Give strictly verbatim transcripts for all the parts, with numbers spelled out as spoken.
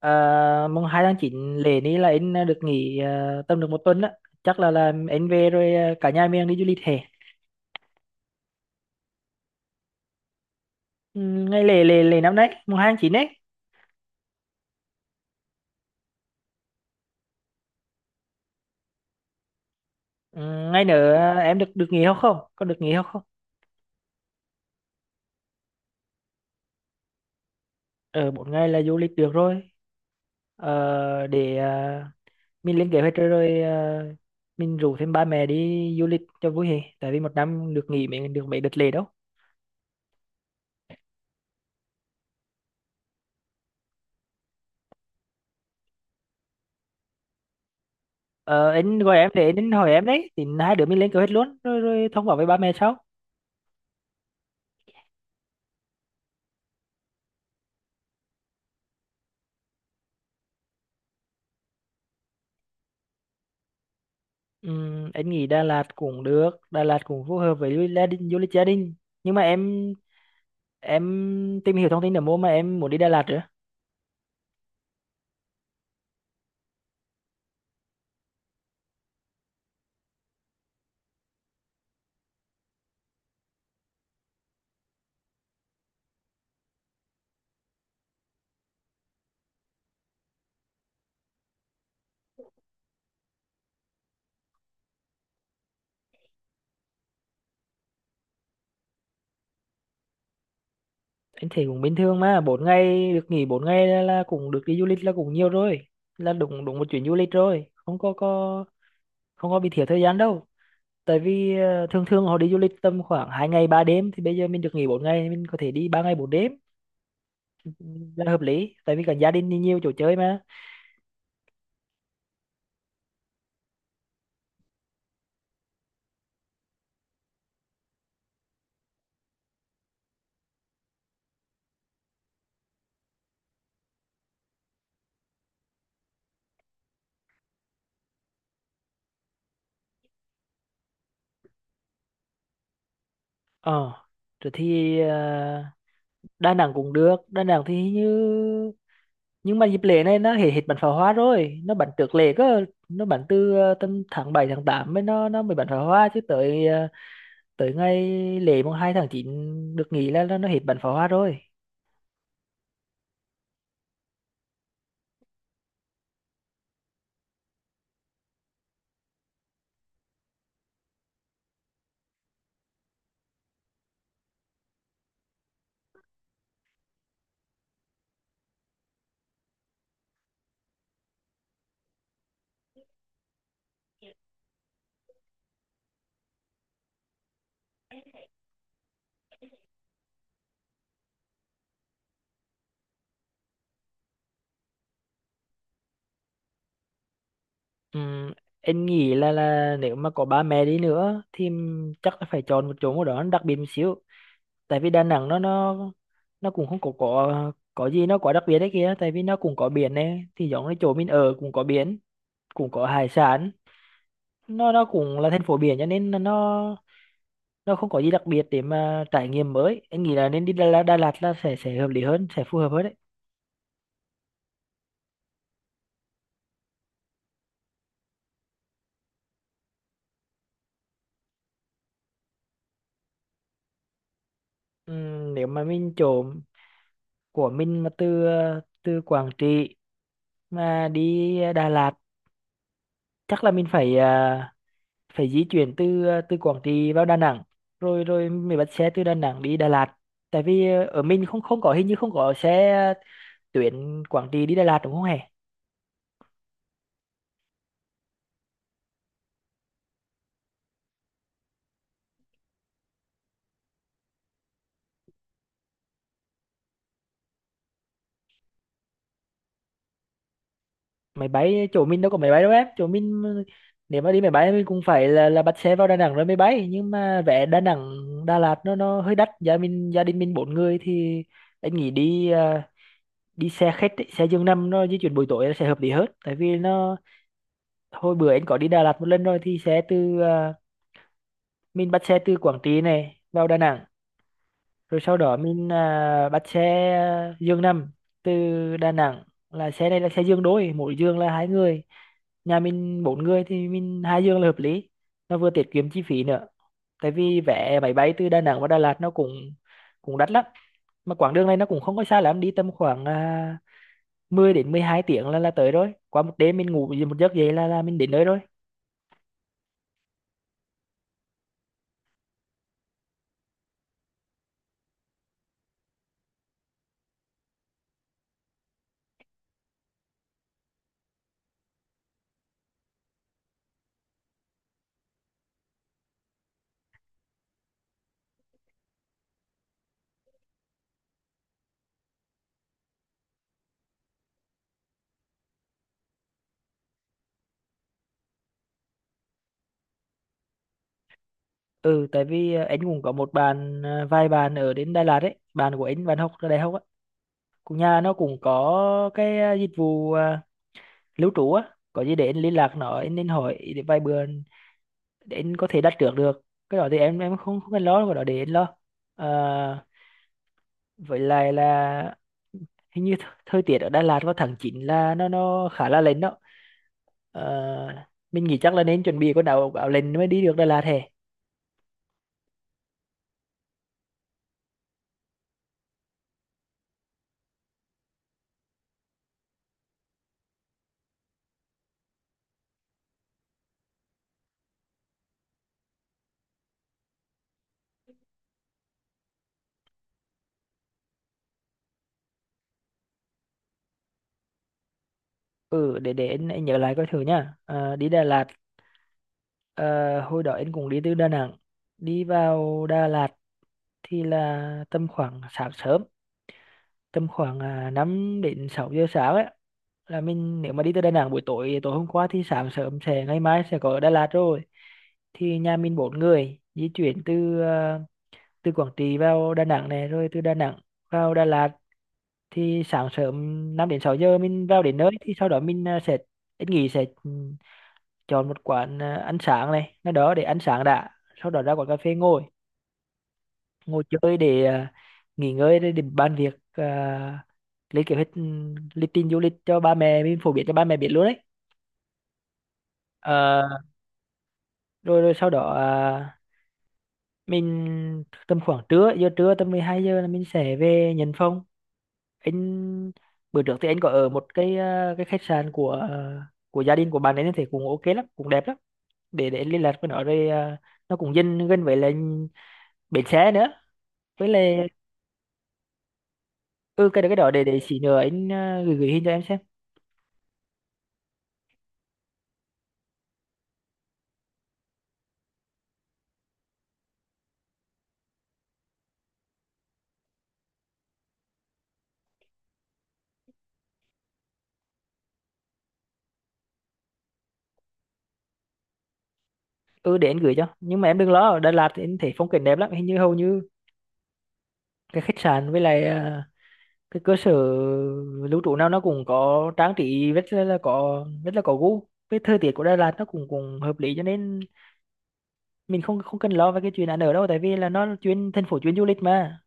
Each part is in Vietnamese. À, mùng hai tháng chín lễ ní là anh được nghỉ, ờ, tầm được một tuần á, chắc là là anh về rồi, ờ, cả nhà mình đi du lịch hè. Ừ, ngày lễ lễ lễ năm nay mùng hai tháng chín ấy. Ừ, ngày nữa, ờ, em được được nghỉ không, không có được nghỉ không không. Ở bốn ngày là du lịch được rồi. Ờ, để ờ, mình lên kế hoạch rồi, rồi, ờ, mình rủ thêm ba mẹ đi du lịch cho vui hè, tại vì một năm được nghỉ mấy, được mấy đợt lễ đâu. Ờ, anh gọi em để anh hỏi em đấy, thì hai đứa mình lên kế hoạch luôn, rồi rồi thông báo với ba mẹ sau. Ừm, anh nghĩ Đà Lạt cũng được, Đà Lạt cũng phù hợp với du lịch gia đình, du lịch gia đình, nhưng mà em em tìm hiểu thông tin ở mua mà em muốn đi Đà Lạt nữa. Anh thấy cũng bình thường mà, bốn ngày, được nghỉ bốn ngày là, là cũng được đi du lịch là cũng nhiều rồi, là đúng đúng một chuyến du lịch rồi, không có có không có bị thiếu thời gian đâu. Tại vì, ờ, thường thường họ đi du lịch tầm khoảng hai ngày ba đêm, thì bây giờ mình được nghỉ bốn ngày mình có thể đi ba ngày bốn đêm, là hợp lý, tại vì cả gia đình đi nhiều chỗ chơi mà. ờ rồi thì ờ, Đà Nẵng cũng được, Đà Nẵng thì như, nhưng mà dịp lễ này nó hết hết bắn pháo hoa rồi, nó bắn trước lễ cơ, nó bắn từ ờ, tầm tháng bảy tháng tám mới, nó nó mới bắn pháo hoa, chứ tới ờ, tới ngày lễ mùng hai tháng chín được nghỉ là nó, nó hết bắn pháo hoa rồi. Ừm, em nghĩ là là nếu mà có ba mẹ đi nữa thì chắc là phải chọn một chỗ nào đó nó đặc biệt một xíu, tại vì Đà Nẵng nó nó nó cũng không có có có gì nó quá đặc biệt đấy kia, tại vì nó cũng có biển này, thì giống như chỗ mình ở cũng có biển, cũng có hải sản, nó nó cũng là thành phố biển, cho nên là nó nó không có gì đặc biệt để mà trải nghiệm mới. Anh nghĩ là nên đi Đà Lạt, Đà Lạt là sẽ sẽ hợp lý hơn, sẽ phù hợp hơn đấy. Ừm, nếu mà mình chỗ của mình mà từ, ờ, từ Quảng Trị mà đi, ờ, Đà Lạt, chắc là mình phải, à, phải di chuyển từ, ờ, từ Quảng Trị vào Đà Nẵng, rồi rồi mình bắt xe từ Đà Nẵng đi Đà Lạt, tại vì, ờ, ở mình không không có, hình như không có xe, ờ, tuyến Quảng Trị đi Đà Lạt đúng không hề. Máy bay chỗ mình đâu có máy bay đâu em, chỗ mình nếu mà đi máy bay mình cũng phải là là bắt xe vào Đà Nẵng rồi máy bay, nhưng mà vé Đà Nẵng Đà Lạt nó nó hơi đắt, gia mình, gia đình mình bốn người thì anh nghĩ đi, à, đi xe khách ấy, xe giường nằm nó di chuyển buổi tối nó sẽ hợp lý hơn, tại vì nó, hồi bữa anh có đi Đà Lạt một lần rồi, thì xe từ, à, mình bắt xe từ Quảng Trị này vào Đà Nẵng, rồi sau đó mình, à, bắt xe, à, giường nằm từ Đà Nẵng, là xe này là xe giường đôi, mỗi giường là hai người, nhà mình bốn người thì mình hai giường là hợp lý, nó vừa tiết kiệm chi phí nữa, tại vì vé máy bay từ Đà Nẵng và Đà Lạt nó cũng cũng đắt lắm, mà quãng đường này nó cũng không có xa lắm, đi tầm khoảng, à, mười đến mười hai tiếng là là tới rồi, qua một đêm mình ngủ một giấc dậy là là mình đến nơi rồi. Ừ, tại vì, à, anh cũng có một bạn, à, vài bạn ở đến Đà Lạt ấy, bạn của anh, bạn học ở đại học á, cũng nhà nó cũng có cái, à, dịch vụ, à, lưu trú á, có gì để anh liên lạc nó, anh, anh hỏi để vài bữa, để anh có thể đặt trước được. Cái đó thì em em không không cần lo, cái đó để anh lo. à, với lại là hình như th- thời tiết ở Đà Lạt vào tháng chín là nó nó khá là lạnh đó. Ờ, mình nghĩ chắc là nên chuẩn bị quần áo, áo lạnh mới đi được Đà Lạt hè. Ừ, để để anh, anh nhớ lại coi thử nha. Ờ, đi Đà Lạt. Ờ, hồi đó anh cũng đi từ Đà Nẵng đi vào Đà Lạt thì là tầm khoảng sáng sớm, tầm khoảng, à, năm đến sáu giờ sáng ấy, là mình nếu mà đi từ Đà Nẵng buổi tối, tối hôm qua thì sáng sớm sẽ, ngày mai sẽ có ở Đà Lạt rồi. Thì nhà mình bốn người di chuyển từ, à, từ Quảng Trị vào Đà Nẵng này, rồi từ Đà Nẵng vào Đà Lạt thì sáng sớm năm đến sáu giờ mình vào đến nơi, thì sau đó mình, à, sẽ, anh nghĩ sẽ, ừ, chọn một quán, à, ăn sáng này nó đó để ăn sáng đã, sau đó ra quán cà phê ngồi, ngồi chơi để, à, nghỉ ngơi, để, để bàn việc, à, lấy kế hoạch, ừm, lịch trình du lịch cho ba mẹ mình, phổ biến cho ba mẹ biết luôn đấy. Ờ, rồi rồi sau đó, à, mình tầm khoảng trưa, giờ trưa tầm mười hai giờ là mình sẽ về nhận phòng. Anh bữa trước thì anh có ở một cái, à, cái khách sạn của, à, của gia đình của bạn ấy, nên thì cũng ok lắm, cũng đẹp lắm. Để để anh liên lạc với nó rồi, à, nó cũng dân gần với là bến xe nữa, với lại. Ừ, cái cái đó để để xí nữa anh, ờ, gửi gửi hình cho em xem. Ừ, để anh gửi cho, nhưng mà em đừng lo, ở Đà Lạt thì anh thấy phong cảnh đẹp lắm, hình như hầu như cái khách sạn với lại, ờ, cái cơ sở lưu trú nào nó cũng có trang trí rất là là có, rất là có gu, với thời tiết của Đà Lạt nó cũng cũng hợp lý, cho nên mình không không cần lo về cái chuyện ăn ở đâu, tại vì là nó là chuyên thành phố chuyên du lịch mà.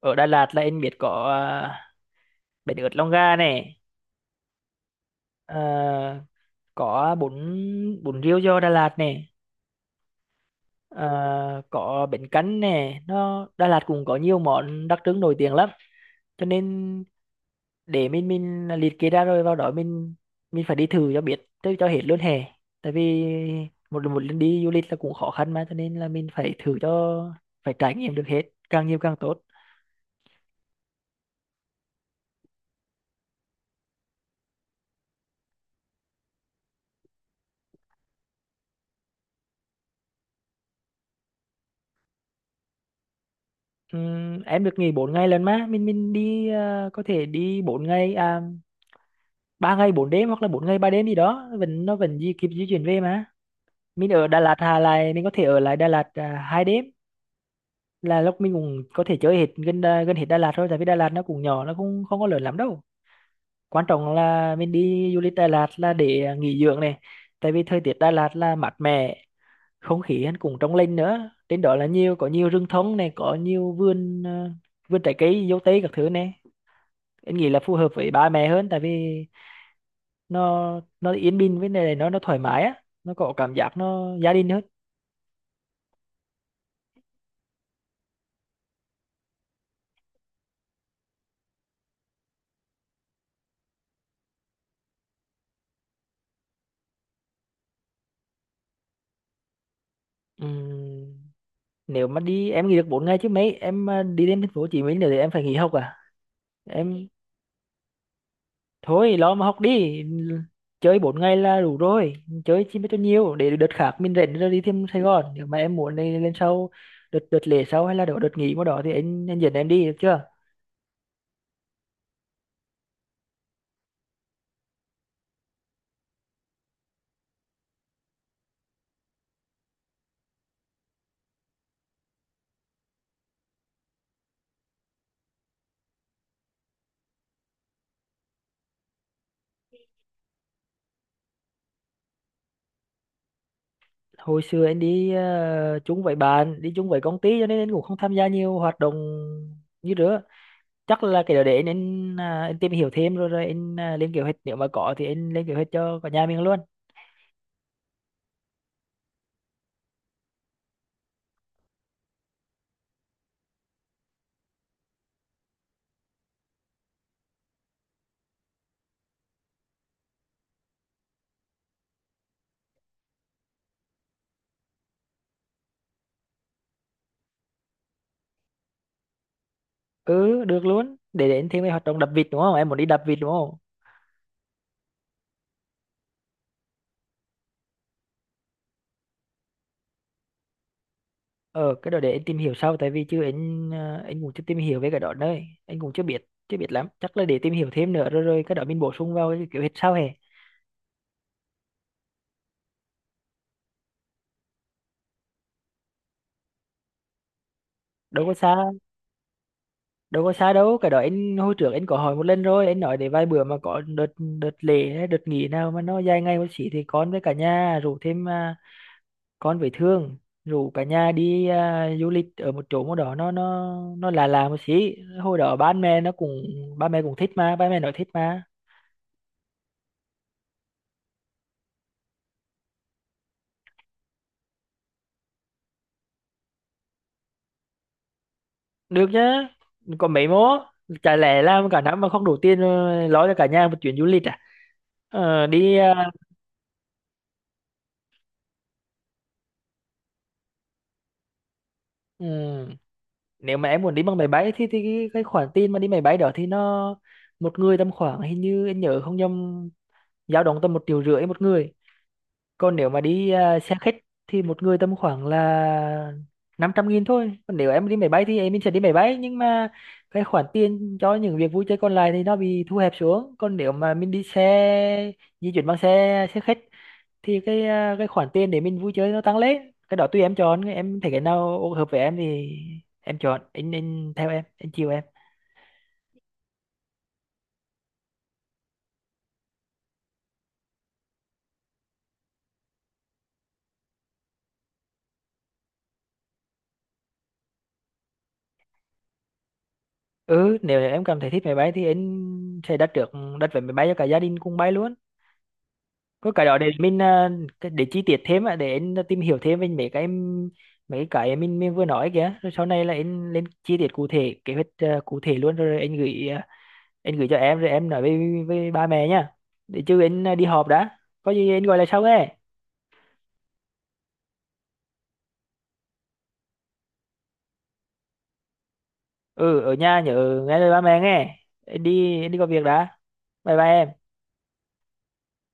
Ở Đà Lạt là anh biết có, uh, bánh ướt Long Ga này, ờ, có bún, bún riêu giò Đà Lạt này. Ờ, có bánh canh nè, nó Đà Lạt cũng có nhiều món đặc trưng nổi tiếng lắm, cho nên để mình mình liệt kê ra rồi vào đó mình mình phải đi thử cho biết tới cho hết luôn hè, tại vì một một lần đi du lịch là cũng khó khăn mà, cho nên là mình phải thử cho, phải trải nghiệm được hết, càng nhiều càng tốt. Ừm, em được nghỉ bốn ngày lần mà mình mình đi, ờ, có thể đi bốn ngày, à, ba ngày bốn đêm hoặc là bốn ngày ba đêm gì đó, vẫn nó vẫn di kịp di chuyển về mà. Mình ở Đà Lạt, Hà lại mình có thể ở lại Đà Lạt, à, hai đêm là lúc mình cũng có thể chơi hết gần, Đà- gần hết Đà Lạt thôi, tại vì Đà Lạt nó cũng nhỏ, nó cũng không có lớn lắm đâu. Quan trọng là mình đi du lịch Đà Lạt là để, à, nghỉ dưỡng này, tại vì thời tiết Đà Lạt là mát mẻ, không khí hắn cũng trong lành nữa, trên đó là nhiều, có nhiều rừng thông này, có nhiều vườn, ờ, vườn trái cây dâu tây các thứ này. Em nghĩ là phù hợp với ba mẹ hơn, tại vì nó nó yên bình với này, nó nó thoải mái á, nó có cảm giác nó gia đình hơn. Ừm, nếu mà đi em nghỉ được bốn ngày chứ mấy em, ờ, đi đến thành phố Hồ Chí Minh nữa thì em phải nghỉ học à. Em thôi lo mà học đi, chơi bốn ngày là đủ rồi, chơi chi mới cho nhiều, để đợt khác mình rảnh rồi đi thêm Sài Gòn, nếu mà em muốn đi lên sau, đợt đợt lễ sau hay là đợt đợt nghỉ mà đó thì anh anh dẫn em đi được chưa. Hồi xưa anh đi, ờ, chung với bạn, đi chung với công ty, cho nên anh cũng không tham gia nhiều hoạt động như nữa. Chắc là cái đó để anh anh, à, anh tìm hiểu thêm rồi rồi anh, à, lên kế hoạch, nếu mà có thì anh lên kế hoạch cho cả nhà mình luôn. Ừ, được luôn, để để anh thêm cái hoạt động đập vịt đúng không, em muốn đi đập vịt đúng không. Ờ, cái đó để anh tìm hiểu sau, tại vì chứ anh, ờ, anh cũng chưa tìm hiểu về cái đó đấy, anh cũng chưa biết chưa biết lắm, chắc là để tìm hiểu thêm nữa rồi rồi cái đó mình bổ sung vào cái kiểu hết sau hè. Đâu có xa, đâu có xa đâu, cái đó anh hồi trước anh có hỏi một lần rồi, anh nói để vài bữa mà có đợt, đợt lễ hay đợt nghỉ nào mà nó dài ngày một xí, thì con với cả nhà rủ thêm, à, con với Thương rủ cả nhà đi, à, du lịch ở một chỗ một đó, nó nó nó là là một xí. Hồi đó ba mẹ nó cũng, ba mẹ cũng thích mà, ba mẹ nói thích mà. Được nhá, còn mấy mố, chả lẽ làm cả năm mà không đủ tiền, ờ, lo cho cả nhà một chuyến du lịch à. ờ, đi ờ, ừ, nếu mà em muốn đi bằng máy bay thì, thì cái, cái khoản tiền mà đi máy bay đó thì nó, một người tầm khoảng, hình như em nhớ không nhầm, dao động tầm một triệu rưỡi một người. Còn nếu mà đi, à, xe khách thì một người tầm khoảng là năm trăm nghìn thôi. Còn nếu em đi máy bay thì em sẽ đi máy bay, nhưng mà cái khoản tiền cho những việc vui chơi còn lại thì nó bị thu hẹp xuống. Còn nếu mà mình đi xe, di chuyển bằng xe xe khách, thì cái, à, cái khoản tiền để mình vui chơi nó tăng lên. Cái đó tùy em chọn, em thấy cái nào hợp với em thì em chọn, anh anh theo em, anh chiều em. Ừ, nếu em cảm thấy thích máy bay thì anh sẽ đặt trước, đặt vé máy bay cho cả gia đình cùng bay luôn. Có cái đó để mình, à, cái- để chi tiết thêm á, để anh tìm hiểu thêm về mấy cái mấy cái mình mình vừa nói kìa, rồi sau này là anh lên chi tiết cụ thể kế hoạch, à, cụ thể luôn rồi anh gửi, à, anh gửi cho em rồi em nói với với ba mẹ nhá. Để chứ anh, à, đi họp đã, có gì anh gọi lại sau nghe. Ừ, ở nhà nhớ nghe lời ba mẹ nghe, anh đi anh đi có việc đã. Bye bye em.